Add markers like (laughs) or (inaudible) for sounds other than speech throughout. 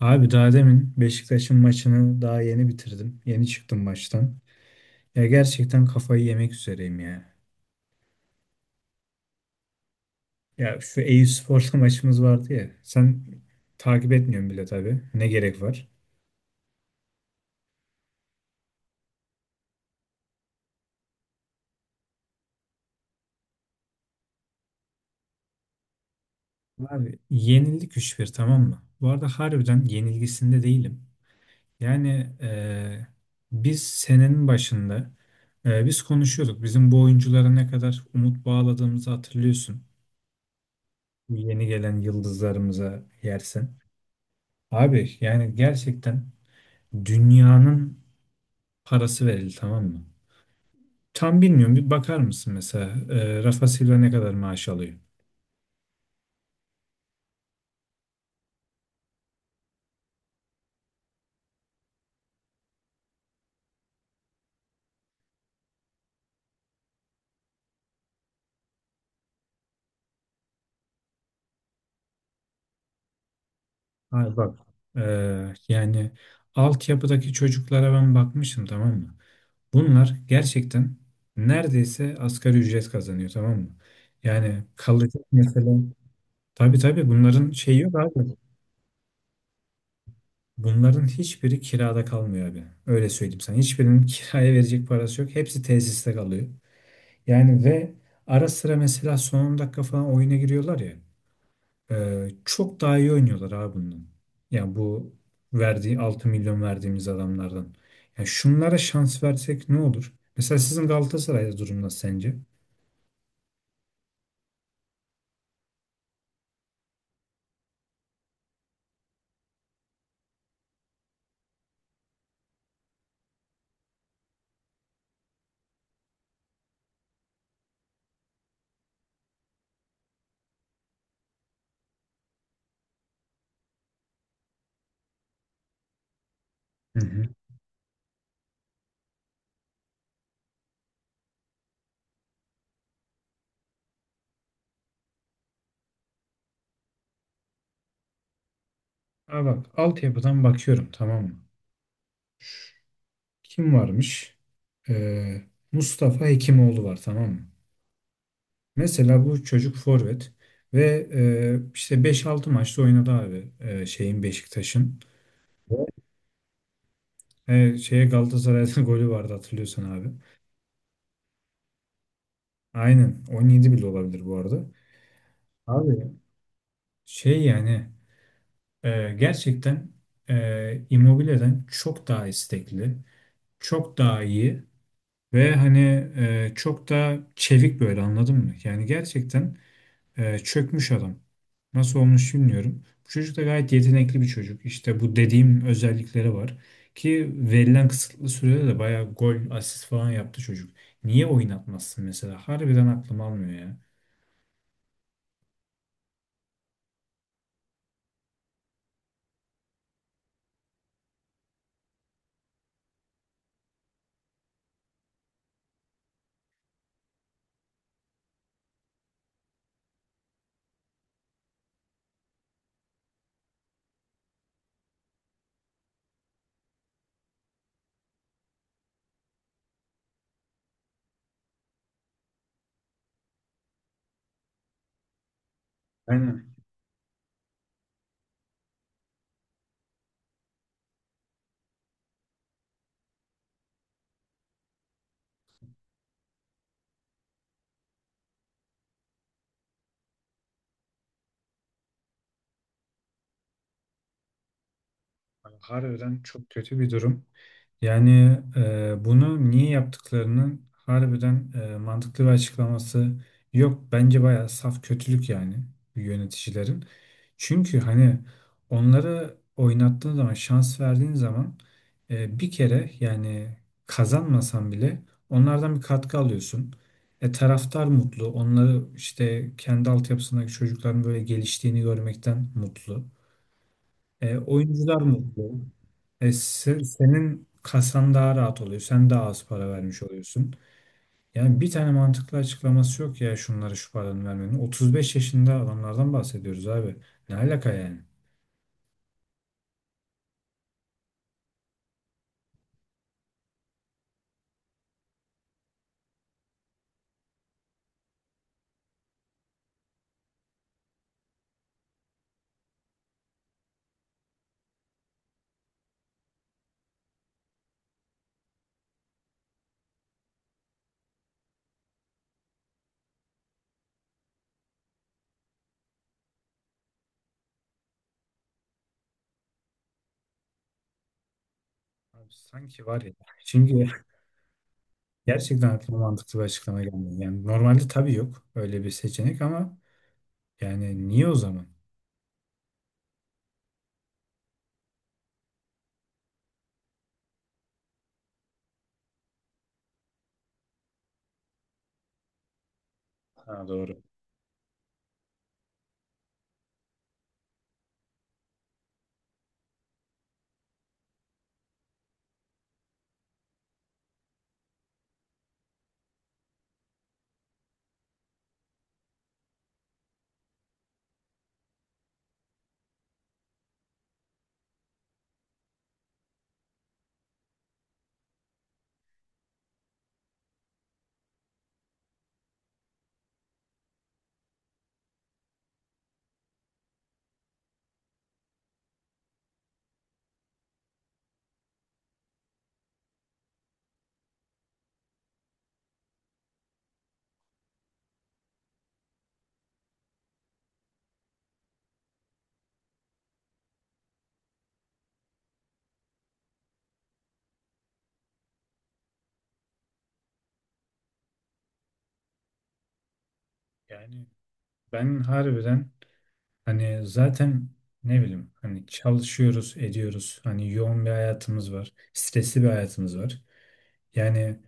Abi daha demin Beşiktaş'ın maçını daha yeni bitirdim. Yeni çıktım maçtan. Ya gerçekten kafayı yemek üzereyim ya. Ya şu Eyüpspor'la (laughs) maçımız vardı ya. Sen takip etmiyorsun bile tabii. Ne gerek var? Abi yenildik 3 bir, tamam mı? Bu arada harbiden yenilgisinde değilim. Yani biz senenin başında biz konuşuyorduk. Bizim bu oyunculara ne kadar umut bağladığımızı hatırlıyorsun. Bu yeni gelen yıldızlarımıza yersen. Abi yani gerçekten dünyanın parası verildi, tamam mı? Tam bilmiyorum, bir bakar mısın mesela Rafa Silva ne kadar maaş alıyor? Hayır bak, e, yani altyapıdaki çocuklara ben bakmışım, tamam mı? Bunlar gerçekten neredeyse asgari ücret kazanıyor, tamam mı? Yani kalacak mesela tabii tabii bunların şeyi yok abi. Bunların hiçbiri kirada kalmıyor abi. Öyle söyleyeyim sana. Hiçbirinin (laughs) kiraya verecek parası yok. Hepsi tesiste kalıyor. Yani ve ara sıra mesela son 10 dakika falan oyuna giriyorlar ya. Çok daha iyi oynuyorlar abi bundan. Yani bu verdiği 6 milyon verdiğimiz adamlardan. Yani şunlara şans versek ne olur? Mesela sizin Galatasaray'da durum nasıl sence? Hı hı. Ha bak, altyapıdan bakıyorum, tamam mı? Kim varmış? Ee, Mustafa Hekimoğlu var, tamam mı? Mesela bu çocuk forvet ve işte beş altı maçta oynadı abi, şeyin Beşiktaş'ın. He, şeye Galatasaray'da (laughs) golü vardı hatırlıyorsan abi. Aynen, 17 bile olabilir bu arada. Abi şey yani, gerçekten Immobile'den çok daha istekli, çok daha iyi ve hani çok daha çevik, böyle anladın mı? Yani gerçekten çökmüş adam. Nasıl olmuş bilmiyorum. Bu çocuk da gayet yetenekli bir çocuk. İşte bu dediğim özellikleri var. Ki verilen kısıtlı sürede de bayağı gol, asist falan yaptı çocuk. Niye oynatmazsın mesela? Harbiden aklım almıyor ya. Aynen. Harbiden çok kötü bir durum. Yani bunu niye yaptıklarının harbiden mantıklı bir açıklaması yok. Bence bayağı saf kötülük yani, yöneticilerin. Çünkü hani onları oynattığın zaman, şans verdiğin zaman, bir kere yani kazanmasan bile onlardan bir katkı alıyorsun. E, taraftar mutlu. Onları işte kendi altyapısındaki çocukların böyle geliştiğini görmekten mutlu. E, oyuncular mutlu. Senin kasan daha rahat oluyor. Sen daha az para vermiş oluyorsun. Yani bir tane mantıklı açıklaması yok ya şunlara şu paranı vermenin. 35 yaşında adamlardan bahsediyoruz abi. Ne alaka yani? Abi sanki var ya. Şimdi (laughs) gerçekten aklıma mantıklı bir açıklama gelmiyor. Yani normalde tabii yok öyle bir seçenek ama yani niye o zaman? Ha, doğru. Yani ben harbiden hani zaten ne bileyim hani çalışıyoruz, ediyoruz. Hani yoğun bir hayatımız var. Stresli bir hayatımız var. Yani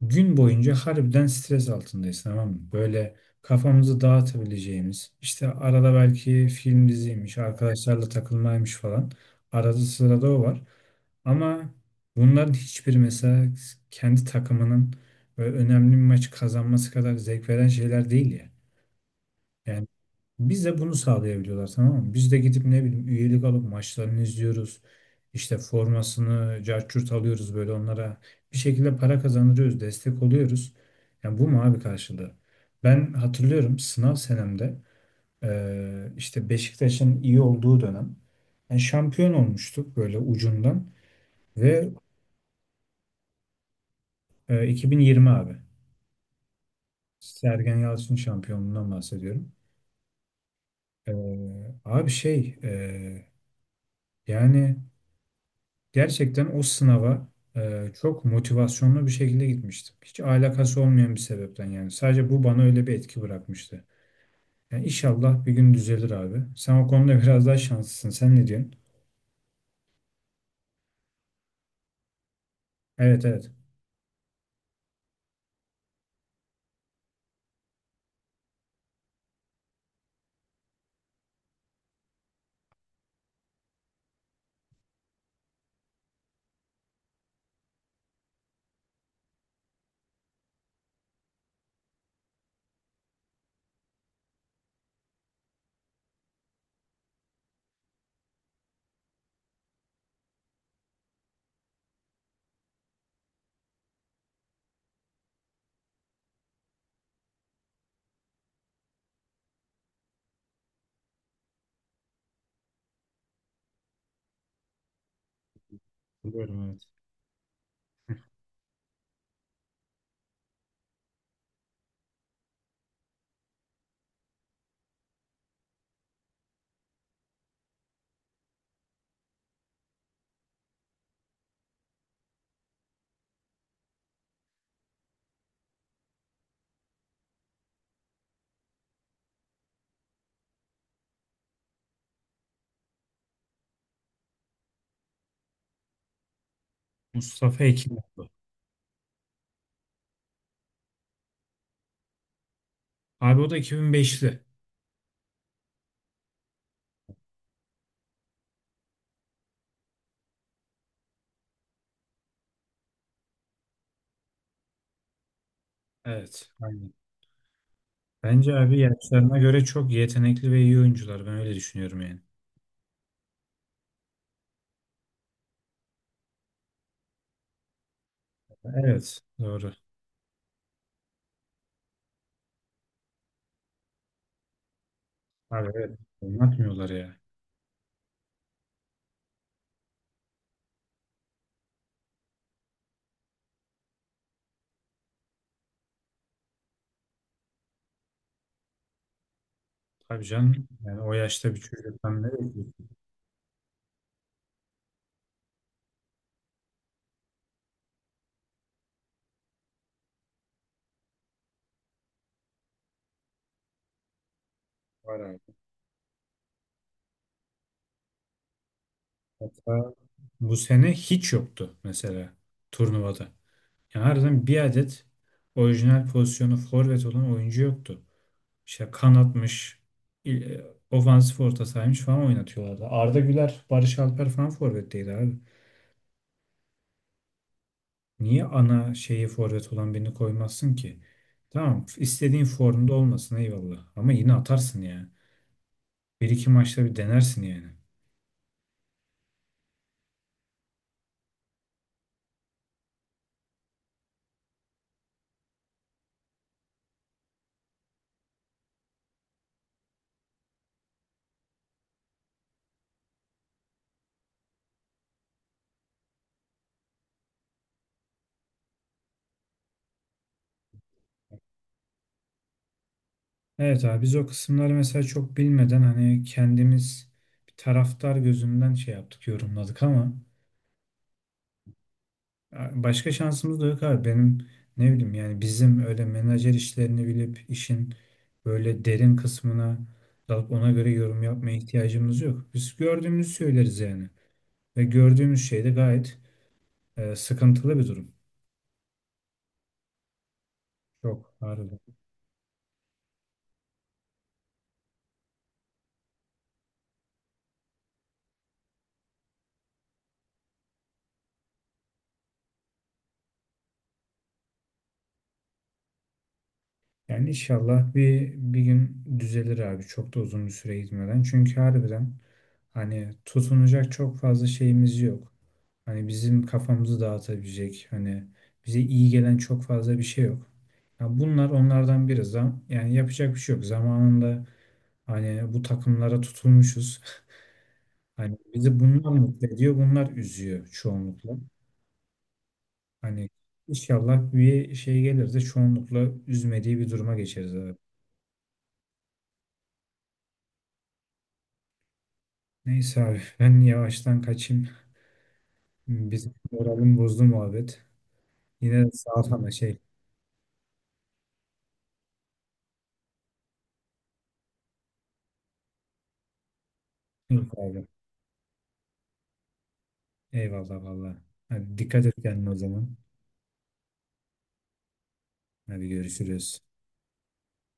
gün boyunca harbiden stres altındayız, tamam mı? Böyle kafamızı dağıtabileceğimiz, işte arada belki film diziymiş, arkadaşlarla takılmaymış falan. Arada sırada o var. Ama bunların hiçbiri mesela kendi takımının böyle önemli bir maç kazanması kadar zevk veren şeyler değil ya. Yani bize bunu sağlayabiliyorlar, tamam mı? Biz de gidip ne bileyim üyelik alıp maçlarını izliyoruz. İşte formasını carçurt alıyoruz böyle onlara. Bir şekilde para kazandırıyoruz, destek oluyoruz. Yani bu mu abi karşılığı? Ben hatırlıyorum sınav senemde, işte Beşiktaş'ın iyi olduğu dönem. Yani şampiyon olmuştuk böyle ucundan ve 2020 abi. Sergen Yalçın şampiyonluğundan bahsediyorum. Abi şey, yani gerçekten o sınava çok motivasyonlu bir şekilde gitmiştim. Hiç alakası olmayan bir sebepten yani. Sadece bu bana öyle bir etki bırakmıştı. Yani inşallah bir gün düzelir abi. Sen o konuda (laughs) biraz daha şanslısın. Sen ne diyorsun? Evet, evet. Biliyorum, evet. Mustafa Ekin. Abi o da 2005'li. Evet. Aynen. Bence abi yaşlarına göre çok yetenekli ve iyi oyuncular. Ben öyle düşünüyorum yani. Evet. Doğru. Abi evet. Anlatmıyorlar ya. Tabii canım. Yani o yaşta bir çocuktan ne bekliyorsun? Var abi. Hatta bu sene hiç yoktu mesela turnuvada. Yani harbiden bir adet orijinal pozisyonu forvet olan oyuncu yoktu. İşte kanatmış, il- e, ofansif orta sahaymış falan oynatıyorlardı. Arda Güler, Barış Alper falan forvetteydi abi. Niye ana şeyi forvet olan birini koymazsın ki? Tamam, istediğin formda olmasın, eyvallah. Ama yine atarsın yani. Bir iki maçta bir denersin yani. Evet abi, biz o kısımları mesela çok bilmeden hani kendimiz bir taraftar gözünden şey yaptık, yorumladık ama başka şansımız da yok abi. Benim ne bileyim yani, bizim öyle menajer işlerini bilip işin böyle derin kısmına dalıp ona göre yorum yapmaya ihtiyacımız yok. Biz gördüğümüzü söyleriz yani ve gördüğümüz şey de gayet sıkıntılı bir durum. Çok harbiden. Yani inşallah bir gün düzelir abi, çok da uzun bir süre gitmeden, çünkü harbiden hani tutunacak çok fazla şeyimiz yok. Hani bizim kafamızı dağıtabilecek, hani bize iyi gelen çok fazla bir şey yok. Ya bunlar onlardan biri. Zam yani yapacak bir şey yok. Zamanında hani bu takımlara tutulmuşuz. (laughs) Hani bizi bunlar mutlu ediyor, bunlar üzüyor çoğunlukla. Hani inşallah bir şey gelir de çoğunlukla üzmediği bir duruma geçeriz abi. Neyse abi, ben yavaştan kaçayım. Bizim moralimi bozdu muhabbet. Yine de sağ ol ama şey. Yok abi. Eyvallah valla. Hadi, dikkat et kendine o zaman. Hadi görüşürüz.